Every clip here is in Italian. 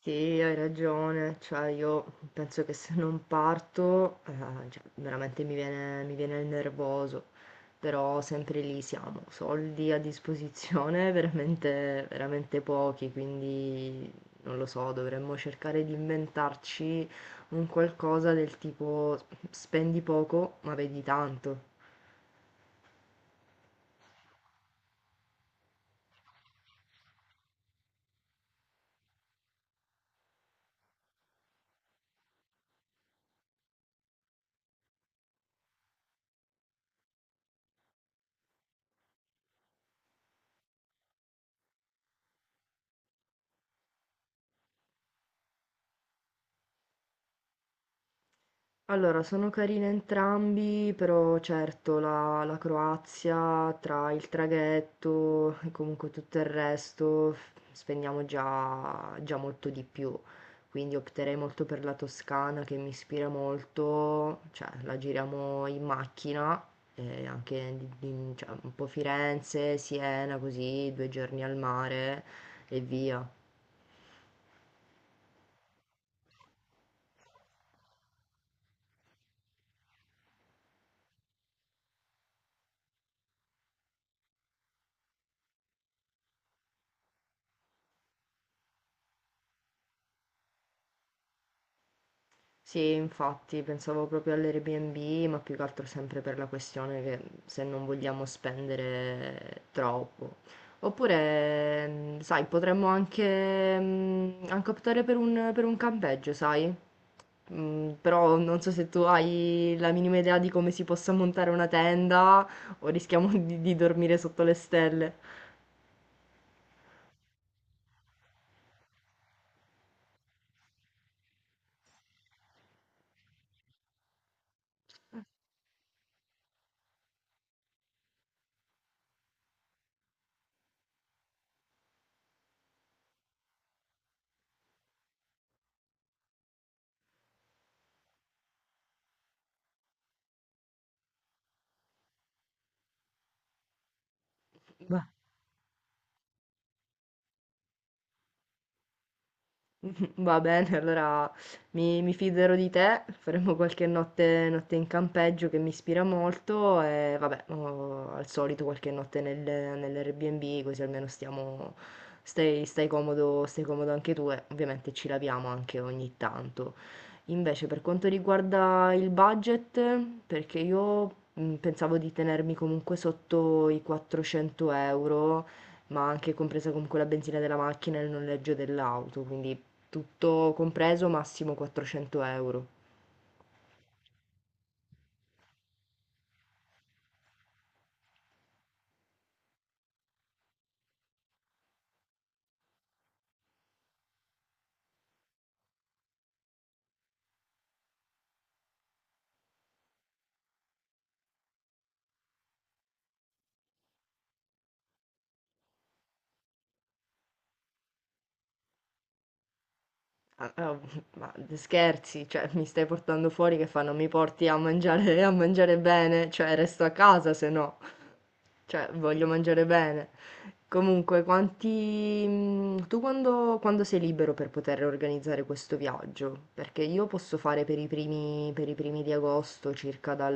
Sì, hai ragione, cioè io penso che se non parto, veramente mi viene il nervoso, però sempre lì siamo, soldi a disposizione veramente, veramente pochi, quindi non lo so, dovremmo cercare di inventarci un qualcosa del tipo spendi poco ma vedi tanto. Allora, sono carini entrambi, però certo la Croazia tra il traghetto e comunque tutto il resto spendiamo già, già molto di più, quindi opterei molto per la Toscana che mi ispira molto, cioè la giriamo in macchina, e anche cioè, un po' Firenze, Siena, così 2 giorni al mare e via. Sì, infatti pensavo proprio all'Airbnb, ma più che altro sempre per la questione che se non vogliamo spendere troppo. Oppure, sai, potremmo anche, anche optare per un campeggio, sai? Però non so se tu hai la minima idea di come si possa montare una tenda o rischiamo di dormire sotto le stelle. Va bene, allora mi fiderò di te, faremo notte in campeggio che mi ispira molto e vabbè, oh, al solito qualche notte nell'Airbnb così almeno stai comodo anche tu e ovviamente ci laviamo anche ogni tanto. Invece per quanto riguarda il budget, perché io pensavo di tenermi comunque sotto i 400 euro ma anche compresa comunque la benzina della macchina e il noleggio dell'auto, quindi tutto compreso massimo 400 euro. Ah, ah, ma scherzi, cioè mi stai portando fuori che fanno mi porti a mangiare, bene, cioè resto a casa se no, cioè voglio mangiare bene. Comunque, tu quando, sei libero per poter organizzare questo viaggio? Perché io posso fare per i primi di agosto, circa dal,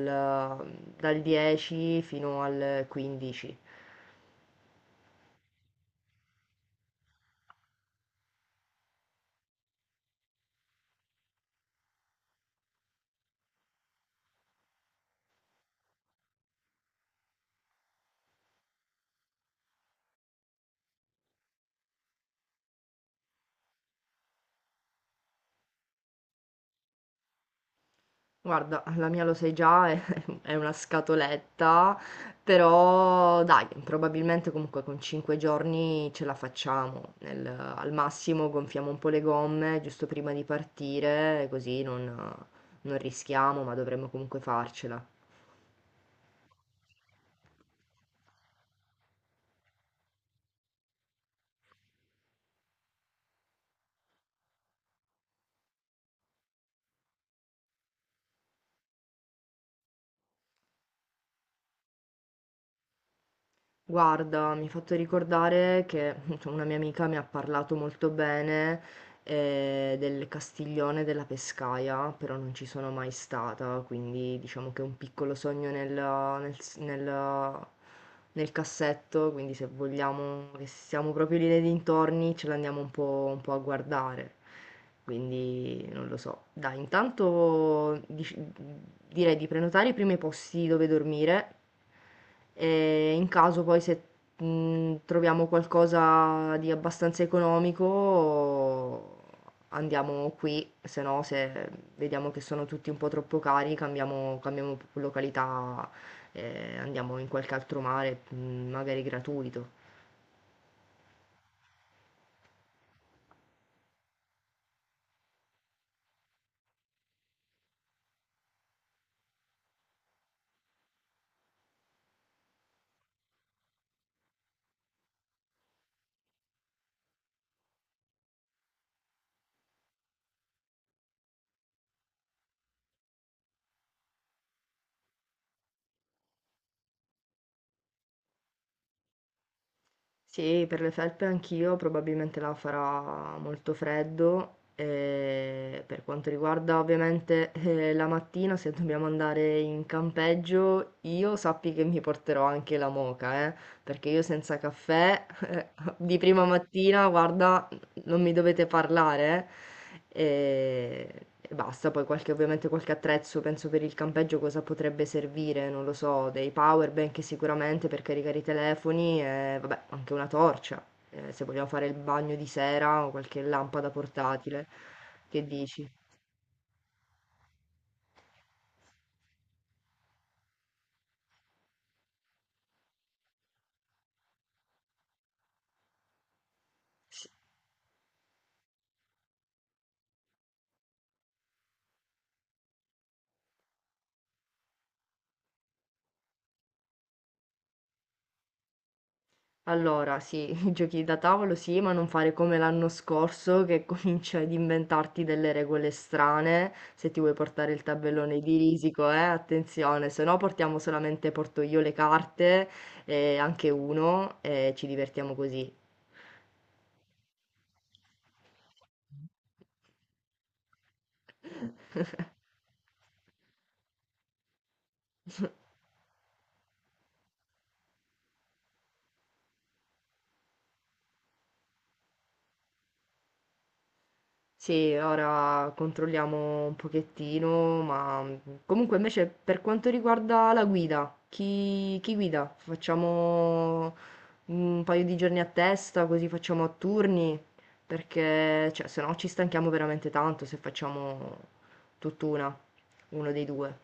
dal 10 fino al 15. Guarda, la mia lo sai già, è è una scatoletta, però dai, probabilmente comunque con 5 giorni ce la facciamo. Al massimo gonfiamo un po' le gomme giusto prima di partire, così non rischiamo, ma dovremmo comunque farcela. Guarda, mi hai fatto ricordare che insomma, una mia amica mi ha parlato molto bene del Castiglione della Pescaia, però non ci sono mai stata, quindi diciamo che è un piccolo sogno nel cassetto, quindi se vogliamo che siamo proprio lì nei dintorni ce l'andiamo un po' a guardare, quindi non lo so. Dai, intanto direi di prenotare i primi posti dove dormire. E in caso poi se troviamo qualcosa di abbastanza economico andiamo qui, se no se vediamo che sono tutti un po' troppo cari cambiamo località, andiamo in qualche altro mare, magari gratuito. Sì, per le felpe anch'io, probabilmente là farà molto freddo. E per quanto riguarda ovviamente la mattina, se dobbiamo andare in campeggio, io sappi che mi porterò anche la moka, perché io senza caffè di prima mattina, guarda, non mi dovete parlare e basta. Poi ovviamente qualche attrezzo, penso per il campeggio cosa potrebbe servire, non lo so, dei power bank sicuramente per caricare i telefoni e vabbè, anche una torcia, se vogliamo fare il bagno di sera o qualche lampada portatile. Che dici? Allora sì, i giochi da tavolo sì, ma non fare come l'anno scorso che cominci ad inventarti delle regole strane, se ti vuoi portare il tabellone di risico, attenzione, se no portiamo solamente, porto io le carte, e anche uno, e ci divertiamo così. Sì, ora controlliamo un pochettino, ma comunque invece per quanto riguarda la guida, chi guida? Facciamo un paio di giorni a testa, così facciamo a turni, perché cioè se no ci stanchiamo veramente tanto se facciamo tutt'una, uno dei due.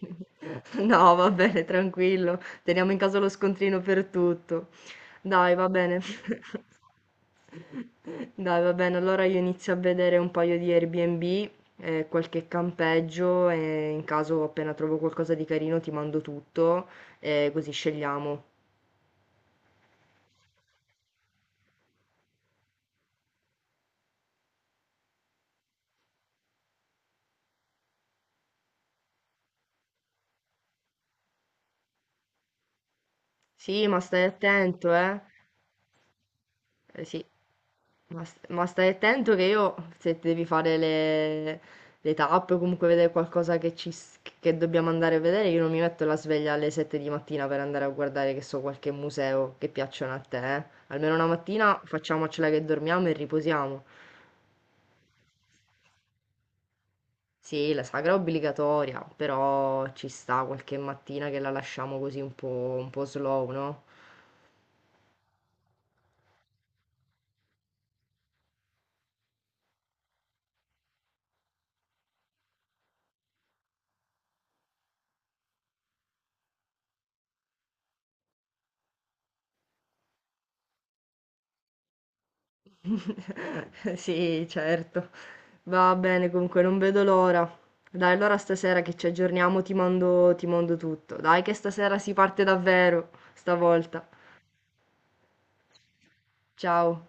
No, va bene, tranquillo, teniamo in casa lo scontrino per tutto. Dai, va bene. Dai, va bene. Allora io inizio a vedere un paio di Airbnb e qualche campeggio e in caso appena trovo qualcosa di carino ti mando tutto e così scegliamo. Sì, ma stai attento, eh. Eh sì, ma, ma stai attento che io, se ti devi fare le tappe o comunque vedere qualcosa che, che dobbiamo andare a vedere, io non mi metto la sveglia alle 7 di mattina per andare a guardare, che so, qualche museo che piacciono a te, eh. Almeno una mattina facciamocela che dormiamo e riposiamo. Sì, la sagra è obbligatoria, però ci sta qualche mattina che la lasciamo così un po' slow, no? Sì, certo. Va bene, comunque non vedo l'ora. Dai, allora stasera che ci aggiorniamo ti mando tutto. Dai, che stasera si parte davvero, stavolta. Ciao.